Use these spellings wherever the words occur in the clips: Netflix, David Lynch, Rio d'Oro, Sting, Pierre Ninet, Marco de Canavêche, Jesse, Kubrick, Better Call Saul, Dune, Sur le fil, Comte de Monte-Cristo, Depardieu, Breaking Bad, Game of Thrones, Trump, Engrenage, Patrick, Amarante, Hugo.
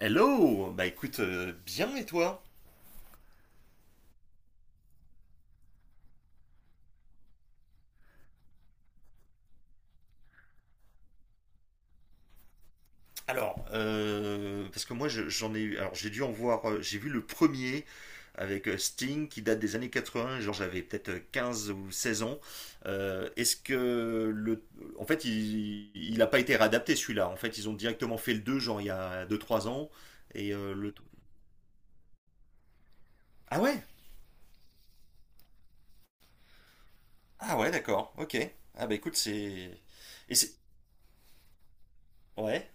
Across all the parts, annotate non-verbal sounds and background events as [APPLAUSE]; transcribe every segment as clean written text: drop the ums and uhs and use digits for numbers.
Hello. Écoute, bien et toi? Alors, parce que j'en ai eu, alors j'ai dû en voir, j'ai vu le premier avec Sting qui date des années 80. Genre j'avais peut-être 15 ou 16 ans. Est-ce que le, en fait il a pas été réadapté celui-là, en fait ils ont directement fait le deux genre il y a deux trois ans et le... Ah ouais? Ah ouais, d'accord, ok. Ah bah écoute c'est... Et c'est... Ouais?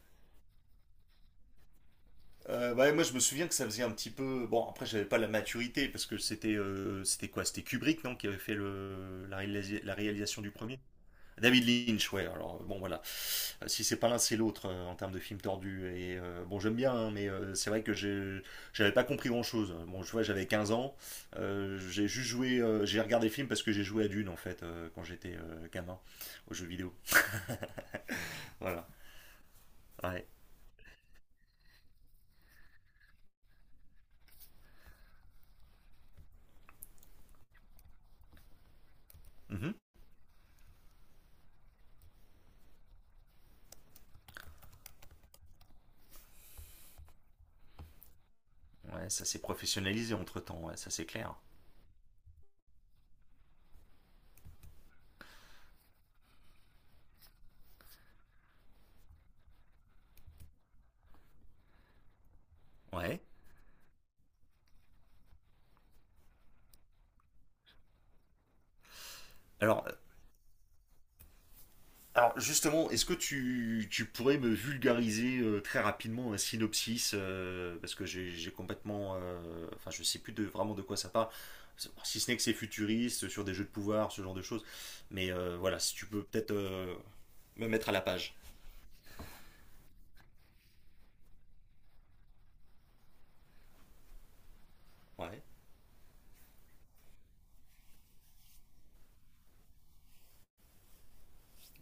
Ouais, moi je me souviens que ça faisait un petit peu. Bon, après j'avais pas la maturité parce que c'était c'était quoi? C'était Kubrick, non, qui avait fait le... la, la réalisation du premier? David Lynch, ouais. Alors bon, voilà. Si c'est pas l'un, c'est l'autre en termes de film tordu. Et bon, j'aime bien, hein, mais c'est vrai que j'avais pas compris grand-chose. Bon, je vois, j'avais 15 ans. J'ai juste joué, j'ai regardé le film parce que j'ai joué à Dune en fait quand j'étais gamin aux jeux vidéo. Voilà. Ouais. Mhm. Ouais, ça s'est professionnalisé entre-temps, ouais, ça c'est clair. Ouais. Alors, Alors justement, est-ce que tu pourrais me vulgariser très rapidement un synopsis parce que j'ai complètement, enfin je sais plus de, vraiment de quoi ça parle, si ce n'est que c'est futuriste sur des jeux de pouvoir, ce genre de choses. Mais voilà, si tu peux peut-être me mettre à la page. Ouais,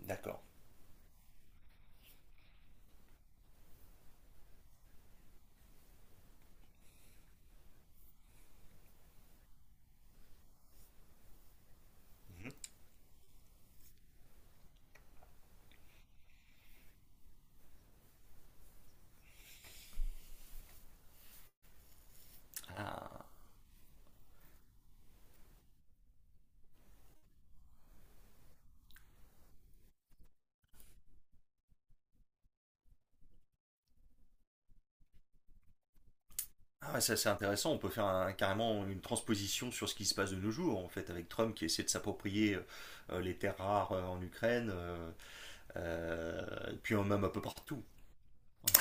d'accord. Mhm. Ah, ah ouais, ça c'est intéressant. On peut faire carrément une transposition sur ce qui se passe de nos jours en fait avec Trump qui essaie de s'approprier les terres rares en Ukraine, et puis même un peu partout.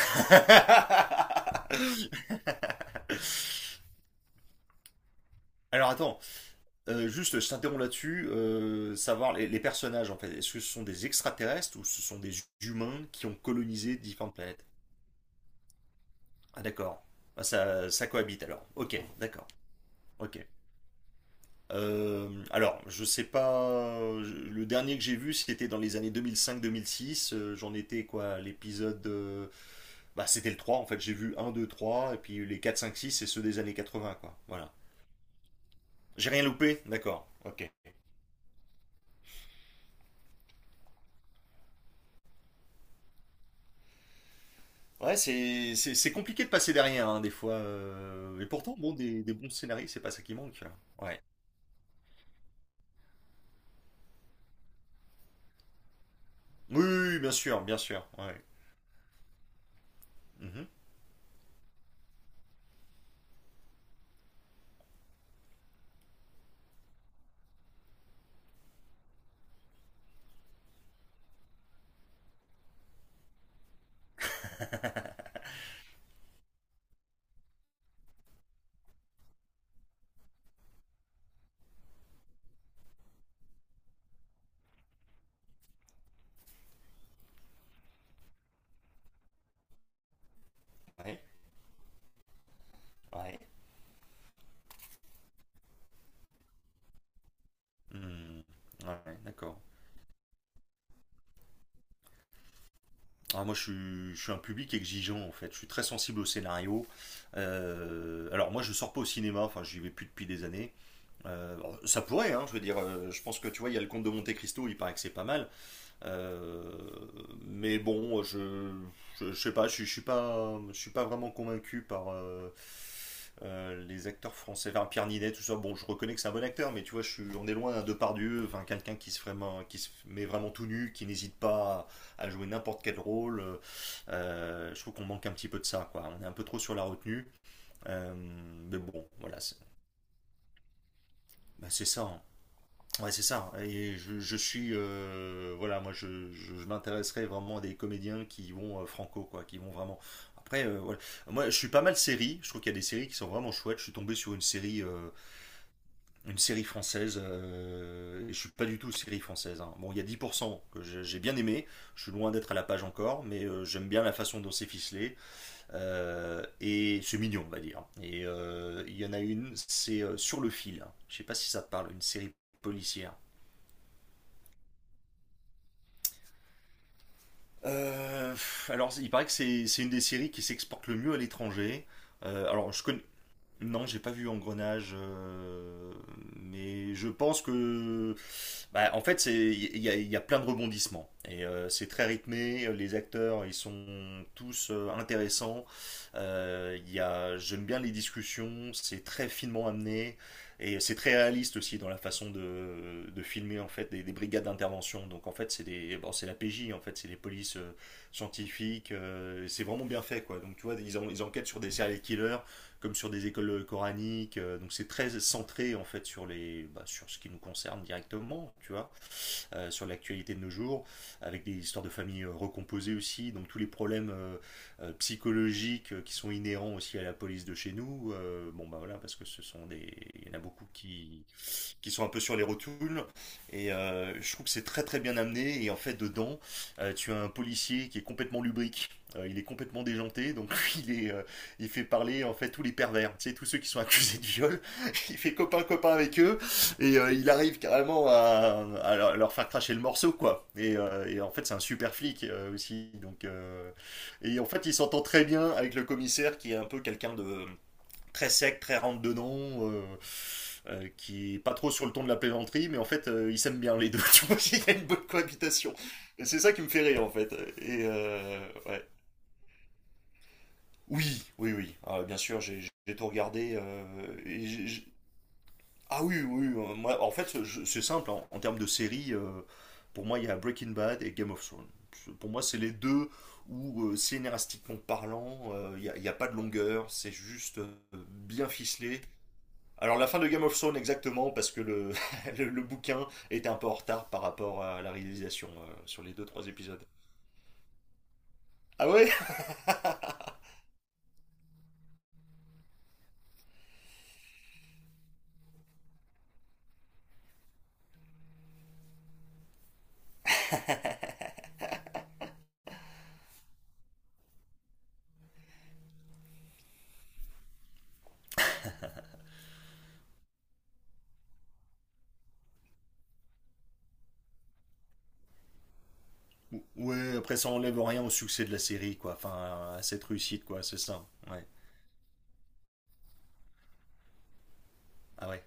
[LAUGHS] Alors attends, juste je t'interromps là-dessus, savoir les personnages en fait, est-ce que ce sont des extraterrestres ou ce sont des humains qui ont colonisé différentes planètes? Ah d'accord, ah, ça cohabite alors, ok, d'accord, ok. Alors, je sais pas, le dernier que j'ai vu c'était dans les années 2005-2006, j'en étais quoi, à l'épisode, bah c'était le 3 en fait, j'ai vu un, 2, 3 et puis les 4, 5, 6, c'est ceux des années 80 quoi, voilà. J'ai rien loupé? D'accord, ok. Ouais, c'est compliqué de passer derrière, hein, des fois. Euh, et pourtant, bon, des bons scénarios, c'est pas ça qui manque. Ouais. Oui, oui, oui, bien sûr, bien sûr. Ouais. Mhm. Ouais. Ouais. Hmm. Ouais, d'accord. Alors, moi, je suis un public exigeant, en fait. Je suis très sensible au scénario. Alors, moi, je sors pas au cinéma. Enfin, j'y vais plus depuis des années. Alors, ça pourrait, hein, je veux dire. Euh, je pense que, tu vois, il y a le Comte de Monte-Cristo, il paraît que c'est pas mal. Euh, mais bon, je sais pas, je suis pas vraiment convaincu par les acteurs français, enfin Pierre Ninet, tout ça. Bon, je reconnais que c'est un bon acteur, mais tu vois, je suis, on est loin d'un Depardieu, enfin quelqu'un qui se vraiment, qui se met vraiment tout nu, qui n'hésite pas à, à jouer n'importe quel rôle. Je trouve qu'on manque un petit peu de ça, quoi. On est un peu trop sur la retenue, euh, mais bon, voilà, c'est bah, c'est ça. Hein. Ouais, c'est ça. Et je suis, voilà, moi, je m'intéresserais vraiment à des comédiens qui vont franco, quoi, qui vont vraiment. Après, voilà. Moi, je suis pas mal série. Je trouve qu'il y a des séries qui sont vraiment chouettes. Je suis tombé sur une série française. Euh, et je suis pas du tout série française. Hein. Bon, il y a 10% que j'ai bien aimé. Je suis loin d'être à la page encore, mais j'aime bien la façon dont c'est ficelé. Et c'est mignon, on va dire. Et il y en a une, c'est Sur le fil. Je sais pas si ça te parle, une série policière. Euh, alors, il paraît que c'est une des séries qui s'exporte le mieux à l'étranger. Alors, je connais, non, j'ai pas vu Engrenage, mais je pense que, bah, en fait, c'est il y a plein de rebondissements et c'est très rythmé. Les acteurs, ils sont tous intéressants. J'aime bien les discussions. C'est très finement amené et c'est très réaliste aussi dans la façon de filmer en fait des brigades d'intervention. Donc en fait, c'est des, bon, c'est la PJ en fait, c'est des polices scientifiques. Euh, et c'est vraiment bien fait quoi. Donc tu vois, ils enquêtent sur des serial killers comme sur des écoles coraniques. Euh, donc c'est très centré en fait sur les, bah, sur ce qui nous concerne directement, tu vois, sur l'actualité de nos jours, avec des histoires de familles recomposées aussi. Donc tous les problèmes psychologiques qui sont inhérents aussi à la police de chez nous. Euh, bon bah voilà, parce que ce sont des, il y en a beaucoup qui sont un peu sur les rotules. Et je trouve que c'est très très bien amené. Et en fait, dedans, tu as un policier qui est complètement lubrique. Il est complètement déjanté, donc [LAUGHS] il est, il fait parler en fait tous les pervers, tu sais, tous ceux qui sont accusés de viol. [LAUGHS] Il fait copain copain avec eux et il arrive carrément à faire cracher le morceau quoi. Et en fait c'est un super flic aussi, donc et en fait il s'entend très bien avec le commissaire qui est un peu quelqu'un de très sec, très rentre dedans, euh, qui est pas trop sur le ton de la plaisanterie, mais en fait, ils s'aiment bien les deux. [LAUGHS] Tu vois, il y a une bonne cohabitation. Et c'est ça qui me fait rire, en fait. Et ouais. Oui, oui, oui. Ah, bien sûr, j'ai tout regardé. Euh, et ah oui, oui. Euh, moi, en fait, c'est simple. En termes de séries, pour moi, il y a Breaking Bad et Game of Thrones. Pour moi, c'est les deux où, scénaristiquement parlant, il y a pas de longueur. C'est juste bien ficelé. Alors la fin de Game of Thrones exactement parce que [LAUGHS] le bouquin était un peu en retard par rapport à la réalisation sur les deux trois épisodes. Ah ouais. Ouais, après ça enlève rien au succès de la série quoi, enfin à cette réussite quoi, c'est ça. Ouais. Ah ouais.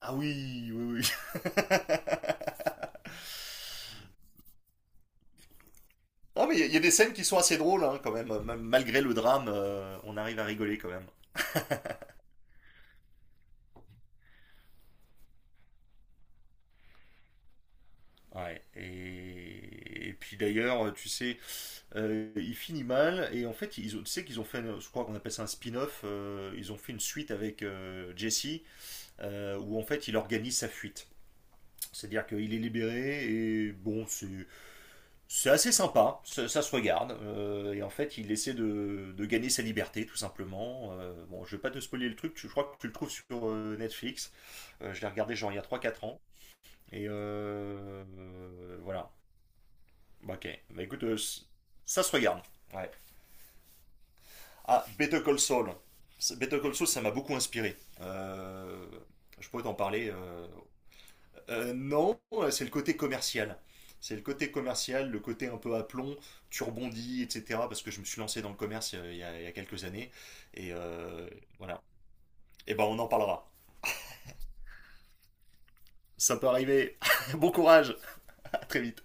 Ah oui, oui, oui. [LAUGHS] non mais il y a des scènes qui sont assez drôles hein, quand même. Même malgré le drame, on arrive à rigoler quand même. Ouais. Et puis d'ailleurs, tu sais, euh, il finit mal et en fait ils ont, tu sais qu'ils ont fait je crois qu'on appelle ça un spin-off ils ont fait une suite avec Jesse où en fait il organise sa fuite, c'est-à-dire qu'il est libéré et bon c'est assez sympa ça, ça se regarde. Et en fait il essaie de gagner sa liberté tout simplement. Bon je vais pas te spoiler le truc je crois que tu le trouves sur Netflix. Je l'ai regardé genre il y a trois quatre ans et voilà. Bah, ok bah écoute ça se regarde, ouais. Ah, Better Call Saul. Better Call Saul, ça m'a beaucoup inspiré. Je pourrais t'en parler. Euh. Non, c'est le côté commercial. C'est le côté commercial, le côté un peu à plomb, tu rebondis, etc. Parce que je me suis lancé dans le commerce il y a quelques années. Et voilà. Et ben, on en parlera. Ça peut arriver. [LAUGHS] Bon courage. À très vite.